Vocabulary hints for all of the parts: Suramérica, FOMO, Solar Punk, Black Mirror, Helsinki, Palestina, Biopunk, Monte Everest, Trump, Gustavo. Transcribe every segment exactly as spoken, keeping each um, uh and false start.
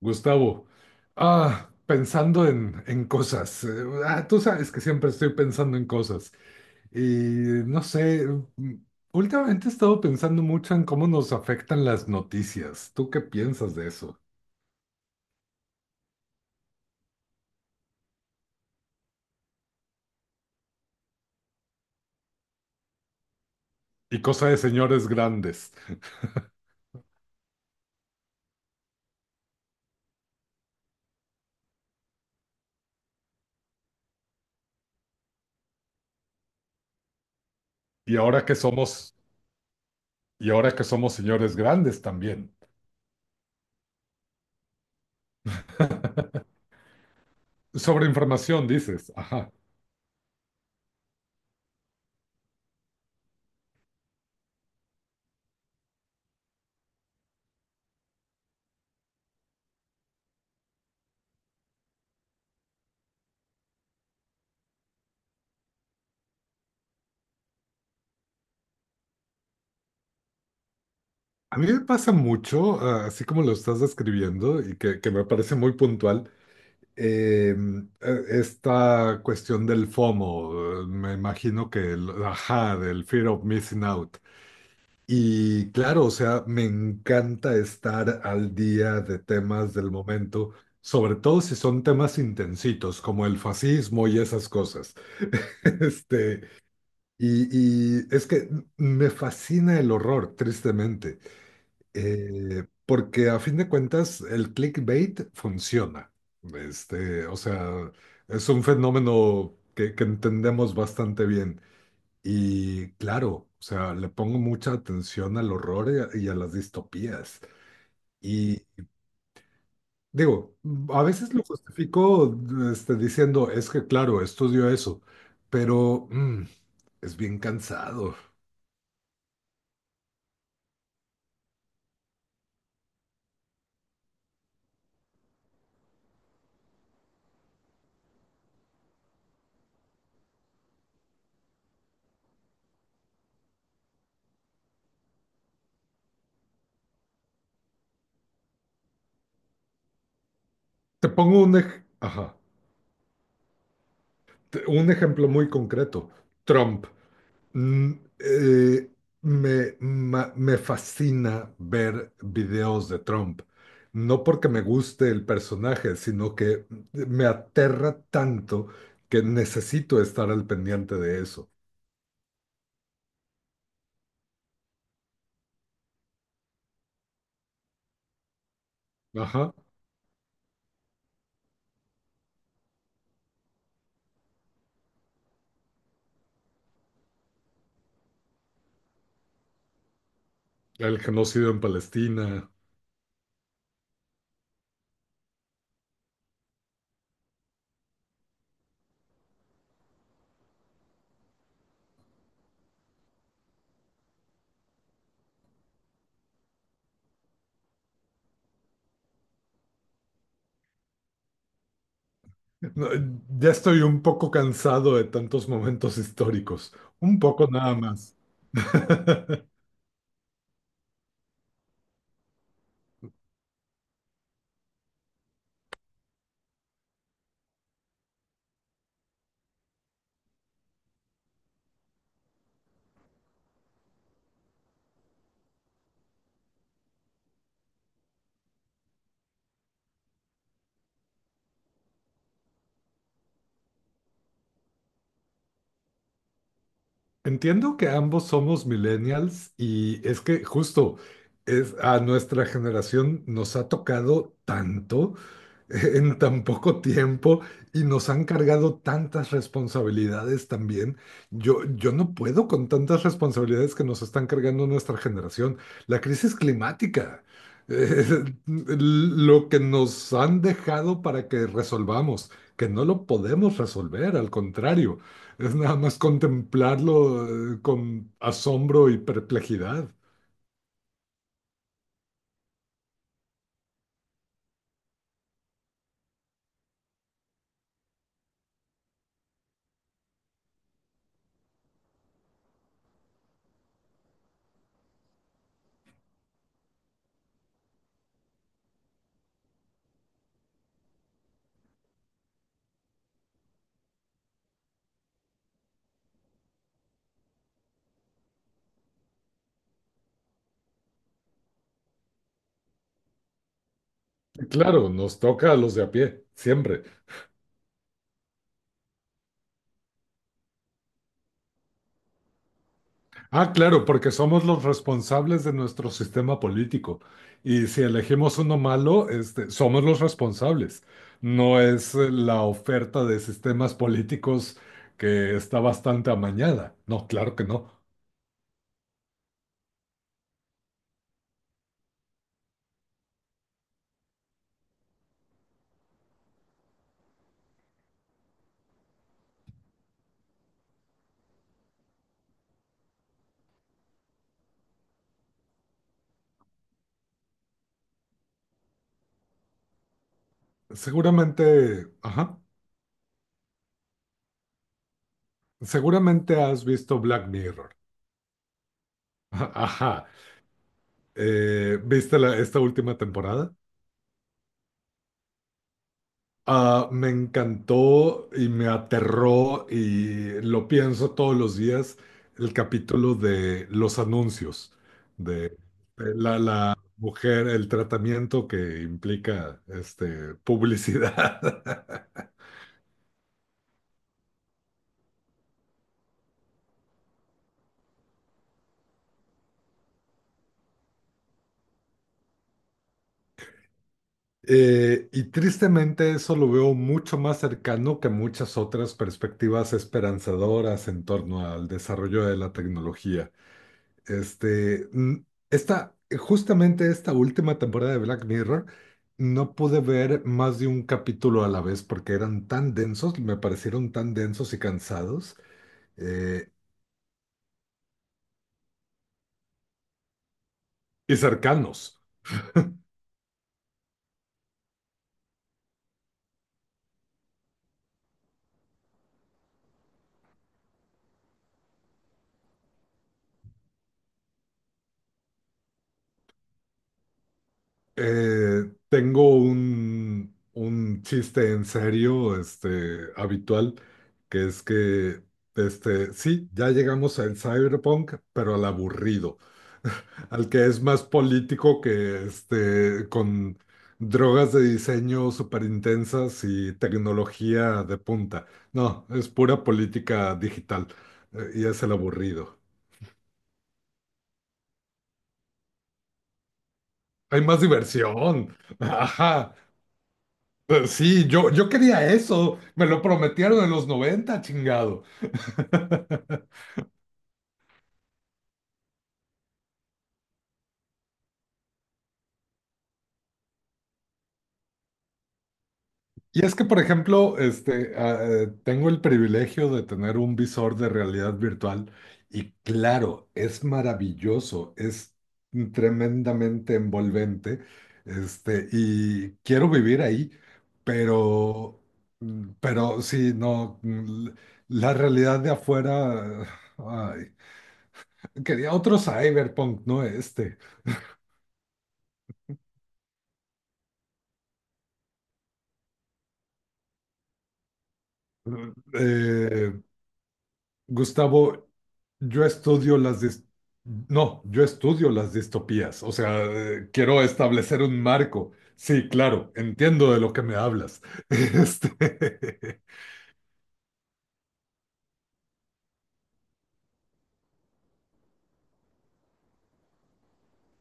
Gustavo, ah, pensando en, en cosas. Eh, ah, tú sabes que siempre estoy pensando en cosas. Y no sé, mm, últimamente he estado pensando mucho en cómo nos afectan las noticias. ¿Tú qué piensas de eso? Y cosa de señores grandes. Y ahora que somos, y ahora que somos señores grandes también. Sobre información, dices. Ajá. A mí me pasa mucho, ah, así como lo estás describiendo y que, que me parece muy puntual. eh, eh, Esta cuestión del FOMO, eh, me imagino que, el- ajá, del fear of missing out. Y claro, o sea, me encanta estar al día de temas del momento, sobre todo si son temas intensitos, como el fascismo y esas cosas. Este, y, y es que me fascina el horror, tristemente. Eh, porque a fin de cuentas el clickbait funciona. Este, o sea, es un fenómeno que, que entendemos bastante bien. Y claro, o sea, le pongo mucha atención al horror y a, y a las distopías. Y digo, a veces lo justifico este, diciendo, es que claro, estudio eso, pero mm, es bien cansado. Te pongo un, ej- ajá, te- un ejemplo muy concreto. Trump. Mm, eh, Me, ma- me fascina ver videos de Trump, no porque me guste el personaje, sino que me aterra tanto que necesito estar al pendiente de eso. Ajá, el genocidio en Palestina. No, ya estoy un poco cansado de tantos momentos históricos, un poco nada más. Entiendo que ambos somos millennials y es que justo es, a nuestra generación nos ha tocado tanto. En tan poco tiempo y nos han cargado tantas responsabilidades también. Yo, yo no puedo con tantas responsabilidades que nos están cargando nuestra generación. La crisis climática, eh, lo que nos han dejado para que resolvamos, que no lo podemos resolver, al contrario, es nada más contemplarlo, eh, con asombro y perplejidad. Claro, nos toca a los de a pie, siempre. Ah, claro, porque somos los responsables de nuestro sistema político. Y si elegimos uno malo, este, somos los responsables. No es eh, la oferta de sistemas políticos que está bastante amañada. No, claro que no. Seguramente, ajá, seguramente has visto Black Mirror. Ajá. Eh, ¿viste la- esta última temporada? Ah, me encantó y me aterró y lo pienso todos los días, el capítulo de los anuncios, de eh, la, la mujer, el tratamiento que implica este, publicidad. Eh, y tristemente eso lo veo mucho más cercano que muchas otras perspectivas esperanzadoras en torno al desarrollo de la tecnología. Este, mm, esta, justamente esta última temporada de Black Mirror, no pude ver más de un capítulo a la vez porque eran tan densos, me parecieron tan densos y cansados eh, y cercanos. Eh, tengo un, un chiste en serio, este, habitual, que es que, este, sí, ya llegamos al cyberpunk, pero al aburrido, al que es más político que, este, con drogas de diseño súper intensas y tecnología de punta. No, es pura política digital, eh, y es el aburrido. Hay más diversión. Ajá. Eh, Sí, yo, yo quería eso, me lo prometieron en los noventa, chingado. Y es que, por ejemplo, este, ah, eh, tengo el privilegio de tener un visor de realidad virtual y claro, es maravilloso, es tremendamente envolvente, este, y quiero vivir ahí, pero, mm, pero sí, no, l- la realidad de afuera, ay, quería otro cyberpunk, no este. Eh, Gustavo, yo estudio las dis- No, yo estudio las distopías, o sea, eh, quiero establecer un marco. Sí, claro, entiendo de lo que me hablas. Este,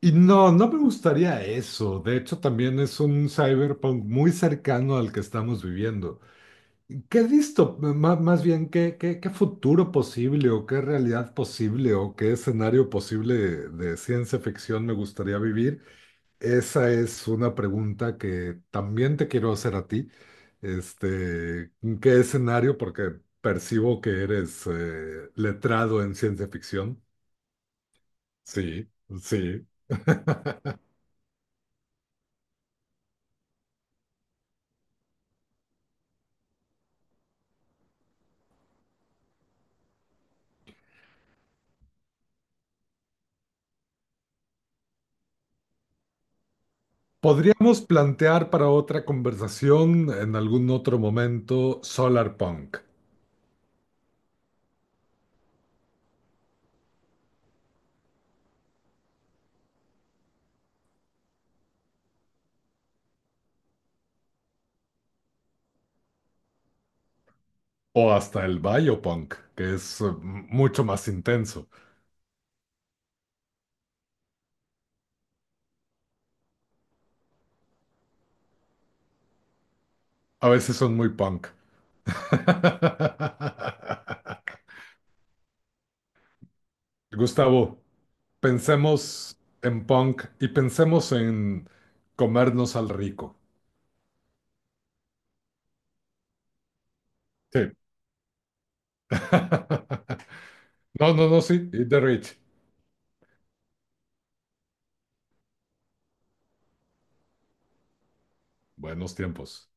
y no, no me gustaría eso. De hecho, también es un cyberpunk muy cercano al que estamos viviendo. ¿Qué disto, má- más bien, qué, qué, ¿qué futuro posible o qué realidad posible o qué escenario posible de ciencia ficción me gustaría vivir? Esa es una pregunta que también te quiero hacer a ti. Este, ¿qué escenario? Porque percibo que eres eh, letrado en ciencia ficción. Sí, sí. Podríamos plantear para otra conversación en algún otro momento Solar Punk o hasta el Biopunk, que es eh, m- mucho más intenso. A veces son muy punk. Gustavo. Pensemos en punk y pensemos en comernos al rico. Sí. No, no, no, sí. Eat the rich. Buenos tiempos.